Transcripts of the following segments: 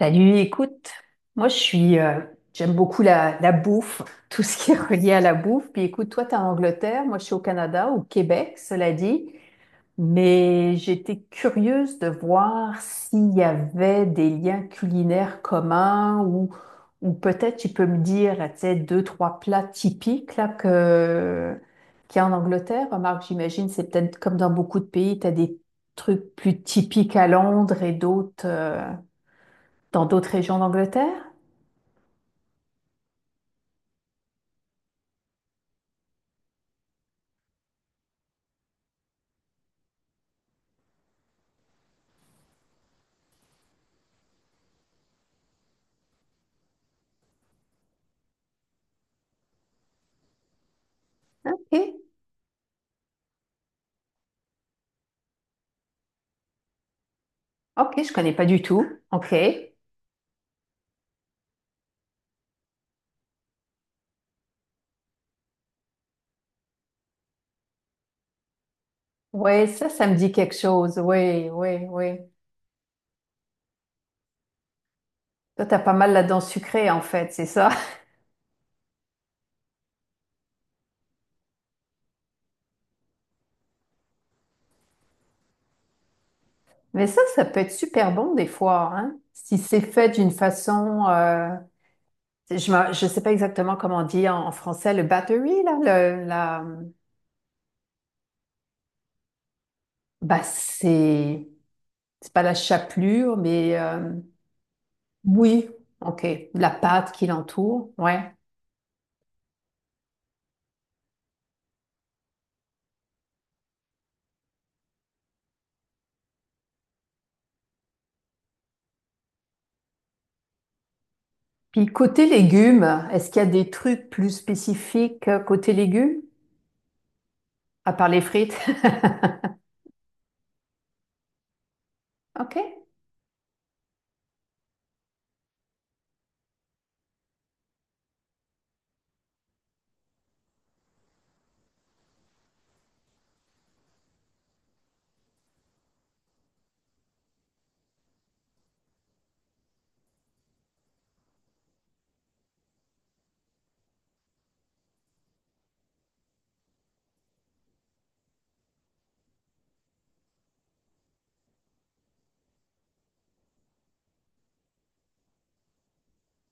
Salut, écoute, moi je suis, euh, j'aime beaucoup la bouffe, tout ce qui est relié à la bouffe. Puis écoute, toi t'es en Angleterre, moi je suis au Canada, au Québec, cela dit. Mais j'étais curieuse de voir s'il y avait des liens culinaires communs ou peut-être tu peux me dire, tu sais, deux, trois plats typiques qu'il y a en Angleterre. Remarque, j'imagine, c'est peut-être comme dans beaucoup de pays, tu as des trucs plus typiques à Londres et d'autres. Dans d'autres régions d'Angleterre? Ok, ok, je connais pas du tout. Ok. Oui, ça me dit quelque chose. Oui, oui, oui. Toi, t'as pas mal là-dedans sucré, en fait, c'est ça. Mais ça peut être super bon des fois, hein. Si c'est fait d'une façon, je sais pas exactement comment on dit en français le battery là, le- la, bah c'est pas la chapelure, mais oui, ok, la pâte qui l'entoure, ouais. Puis côté légumes, est-ce qu'il y a des trucs plus spécifiques côté légumes, à part les frites? Ok,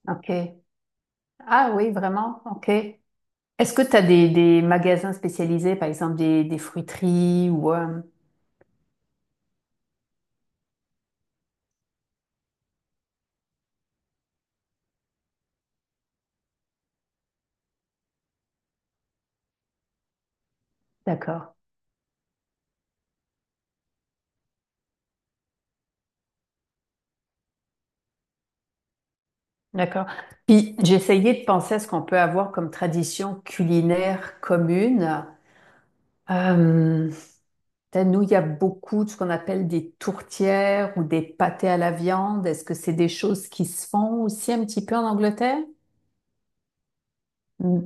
ok. Ah oui, vraiment, ok. Est-ce que tu as des magasins spécialisés, par exemple des fruiteries ou... d'accord, d'accord. Puis j'essayais de penser à ce qu'on peut avoir comme tradition culinaire commune. Euh, Nous, il y a beaucoup de ce qu'on appelle des tourtières ou des pâtés à la viande. Est-ce que c'est des choses qui se font aussi un petit peu en Angleterre? Mm.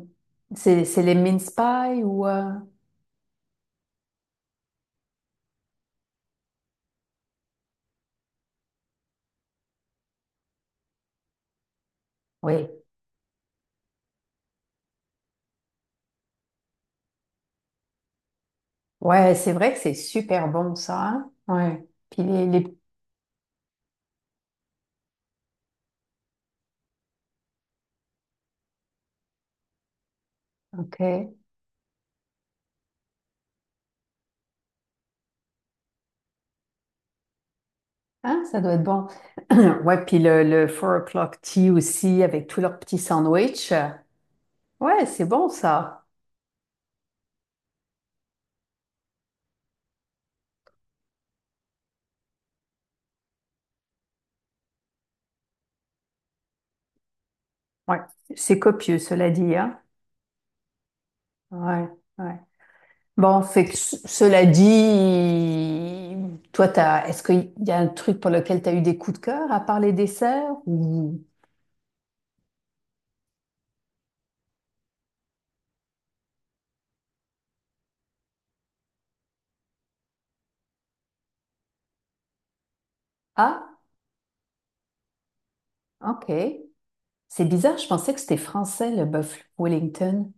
C'est les mince pies ou... oui. Ouais, c'est vrai que c'est super bon ça, hein. Ouais. Puis les... les- OK. Hein, ça doit être bon. Ouais, puis le four o'clock tea aussi avec tous leurs petits sandwichs. Ouais, c'est bon ça. Ouais. C'est copieux, cela dit, hein. Ouais, ouais. Bon, fait que cela dit, est-ce qu'il y a un truc pour lequel tu as eu des coups de cœur à part les desserts ou... Ah, OK. C'est bizarre, je pensais que c'était français, le bœuf Wellington.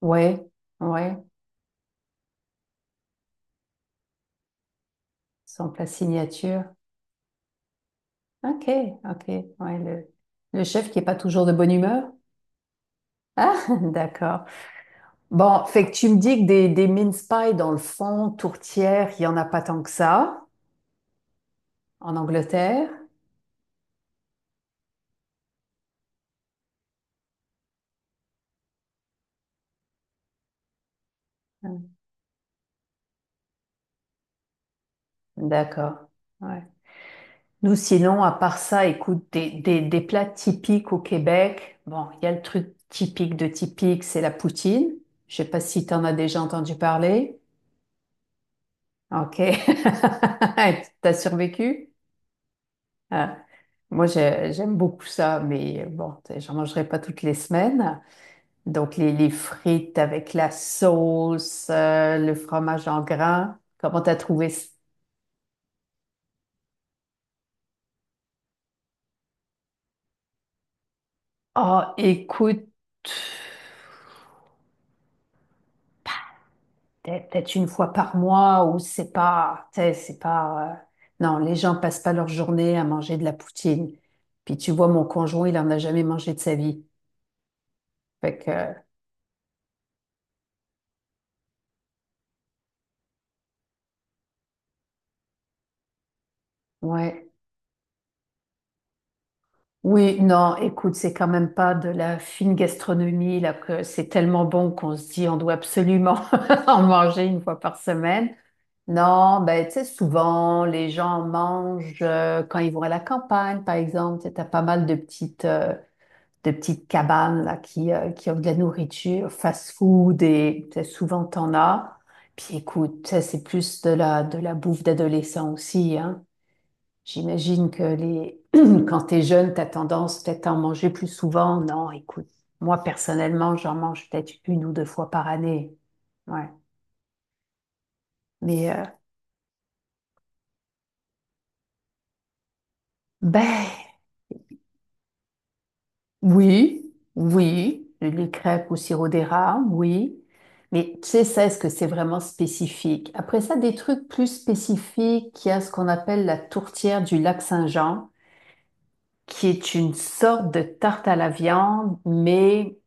Ouais, ouais, son plat signature. Ok, ok, ouais, le chef qui est pas toujours de bonne humeur. Ah, d'accord. Bon, fait que tu me dis que des mince pies dans le fond, tourtière, il y en a pas tant que ça, en Angleterre. D'accord, ouais. Nous, sinon, à part ça, écoute, des plats typiques au Québec. Bon, il y a le truc typique de typique, c'est la poutine. Je sais pas si tu en as déjà entendu parler. Ok. T'as survécu? Euh, moi, j'aime beaucoup ça, mais bon, tu sais, j'en mangerai pas toutes les semaines. Donc, les frites avec la sauce, le fromage en grains. Comment t'as trouvé ça? Oh, écoute, peut-être une fois par mois ou c'est pas, tu sais, c'est pas. Non, les gens passent pas leur journée à manger de la poutine. Puis tu vois, mon conjoint, il en a jamais mangé de sa vie. Fait que, ouais. Oui, non, écoute, c'est quand même pas de la fine gastronomie, là, que c'est tellement bon qu'on se dit on doit absolument en manger une fois par semaine. Non, ben, tu sais, souvent, les gens mangent quand ils vont à la campagne, par exemple. Tu as pas mal de petites cabanes, là, qui offrent de la nourriture, fast-food, et tu sais, souvent, t'en as. Puis écoute, ça, c'est plus de la bouffe d'adolescent aussi, hein. J'imagine que les... quand tu es jeune, tu as tendance peut-être à en manger plus souvent. Non, écoute, moi personnellement, j'en mange peut-être une ou deux fois par année. Ouais. Mais ben oui, oui, les crêpes au sirop d'érable, oui. Mais tu sais, ça, est-ce que c'est vraiment spécifique? Après ça, des trucs plus spécifiques, il y a ce qu'on appelle la tourtière du lac Saint-Jean, qui est une sorte de tarte à la viande, mais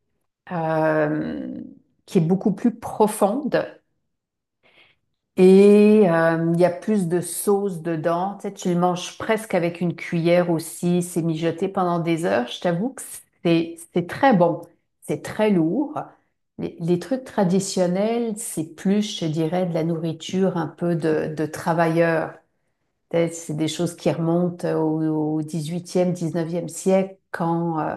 euh, qui est beaucoup plus profonde et il y a plus de sauce dedans. Tu sais, tu le manges presque avec une cuillère aussi. C'est mijoté pendant des heures. Je t'avoue que c'est très bon. C'est très lourd. Les trucs traditionnels, c'est plus, je dirais, de la nourriture un peu de travailleurs. Tu sais, c'est des choses qui remontent au 18e, 19e siècle quand...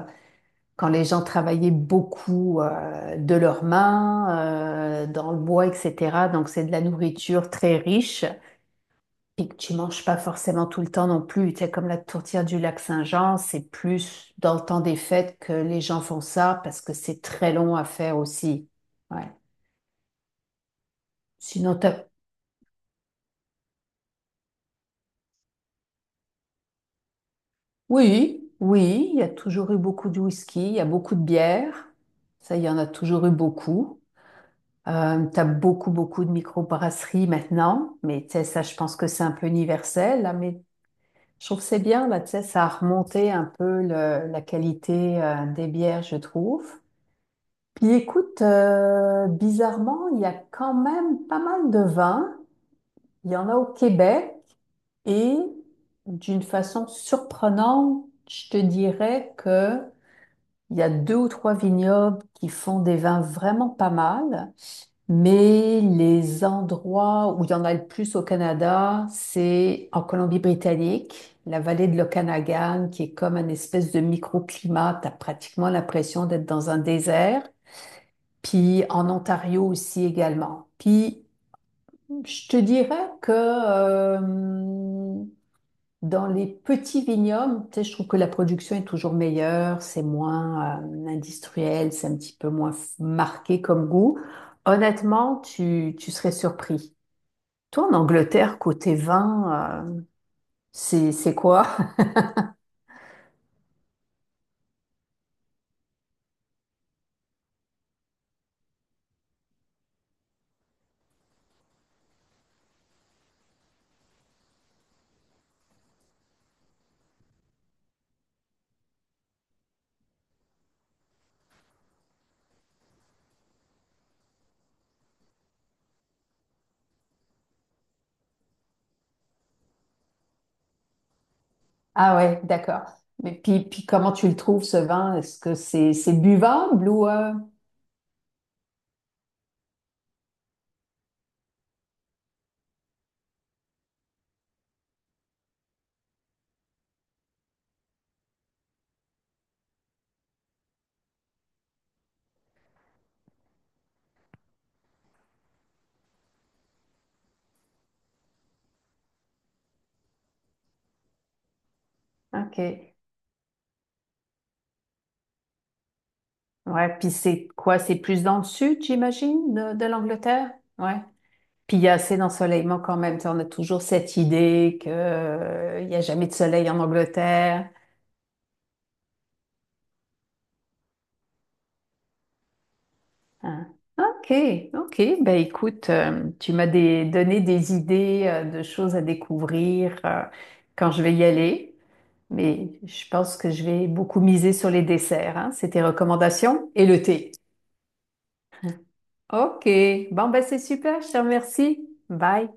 quand les gens travaillaient beaucoup de leurs mains, dans le bois, etc. Donc c'est de la nourriture très riche et que tu manges pas forcément tout le temps non plus. Tu sais, comme la tourtière du lac Saint-Jean, c'est plus dans le temps des fêtes que les gens font ça parce que c'est très long à faire aussi. Ouais. Sinon, t'as... oui, oui, il y a toujours eu beaucoup de whisky, il y a beaucoup de bière. Ça, il y en a toujours eu beaucoup. Tu as beaucoup de microbrasseries maintenant, mais tu sais, ça, je pense que c'est un peu universel, là, mais je trouve que c'est bien, là, tu sais, ça a remonté un peu la qualité des bières, je trouve. Puis écoute, bizarrement, il y a quand même pas mal de vins. Il y en a au Québec et d'une façon surprenante, je te dirais que il y a deux ou trois vignobles qui font des vins vraiment pas mal. Mais les endroits où il y en a le plus au Canada, c'est en Colombie-Britannique, la vallée de l'Okanagan, qui est comme une espèce de microclimat. T'as pratiquement l'impression d'être dans un désert. Puis en Ontario aussi également. Puis je te dirais que dans les petits vignobles, tu sais, je trouve que la production est toujours meilleure, c'est moins industriel, c'est un petit peu moins marqué comme goût. Honnêtement, tu serais surpris. Toi, en Angleterre, côté vin, c'est quoi? Ah ouais, d'accord. Mais puis comment tu le trouves, ce vin? Est-ce que c'est buvable ou... ok. Ouais, puis c'est quoi? C'est plus dans le sud, j'imagine, de l'Angleterre? Ouais. Puis il y a assez d'ensoleillement quand même. Tu sais, on a toujours cette idée que, il n'y a jamais de soleil en Angleterre. Hein. Ok, ok. Ben écoute, tu m'as donné des idées de choses à découvrir quand je vais y aller. Mais je pense que je vais beaucoup miser sur les desserts, hein. C'est tes recommandations et le thé. Ok. Bon, ben c'est super. Je te remercie. Bye.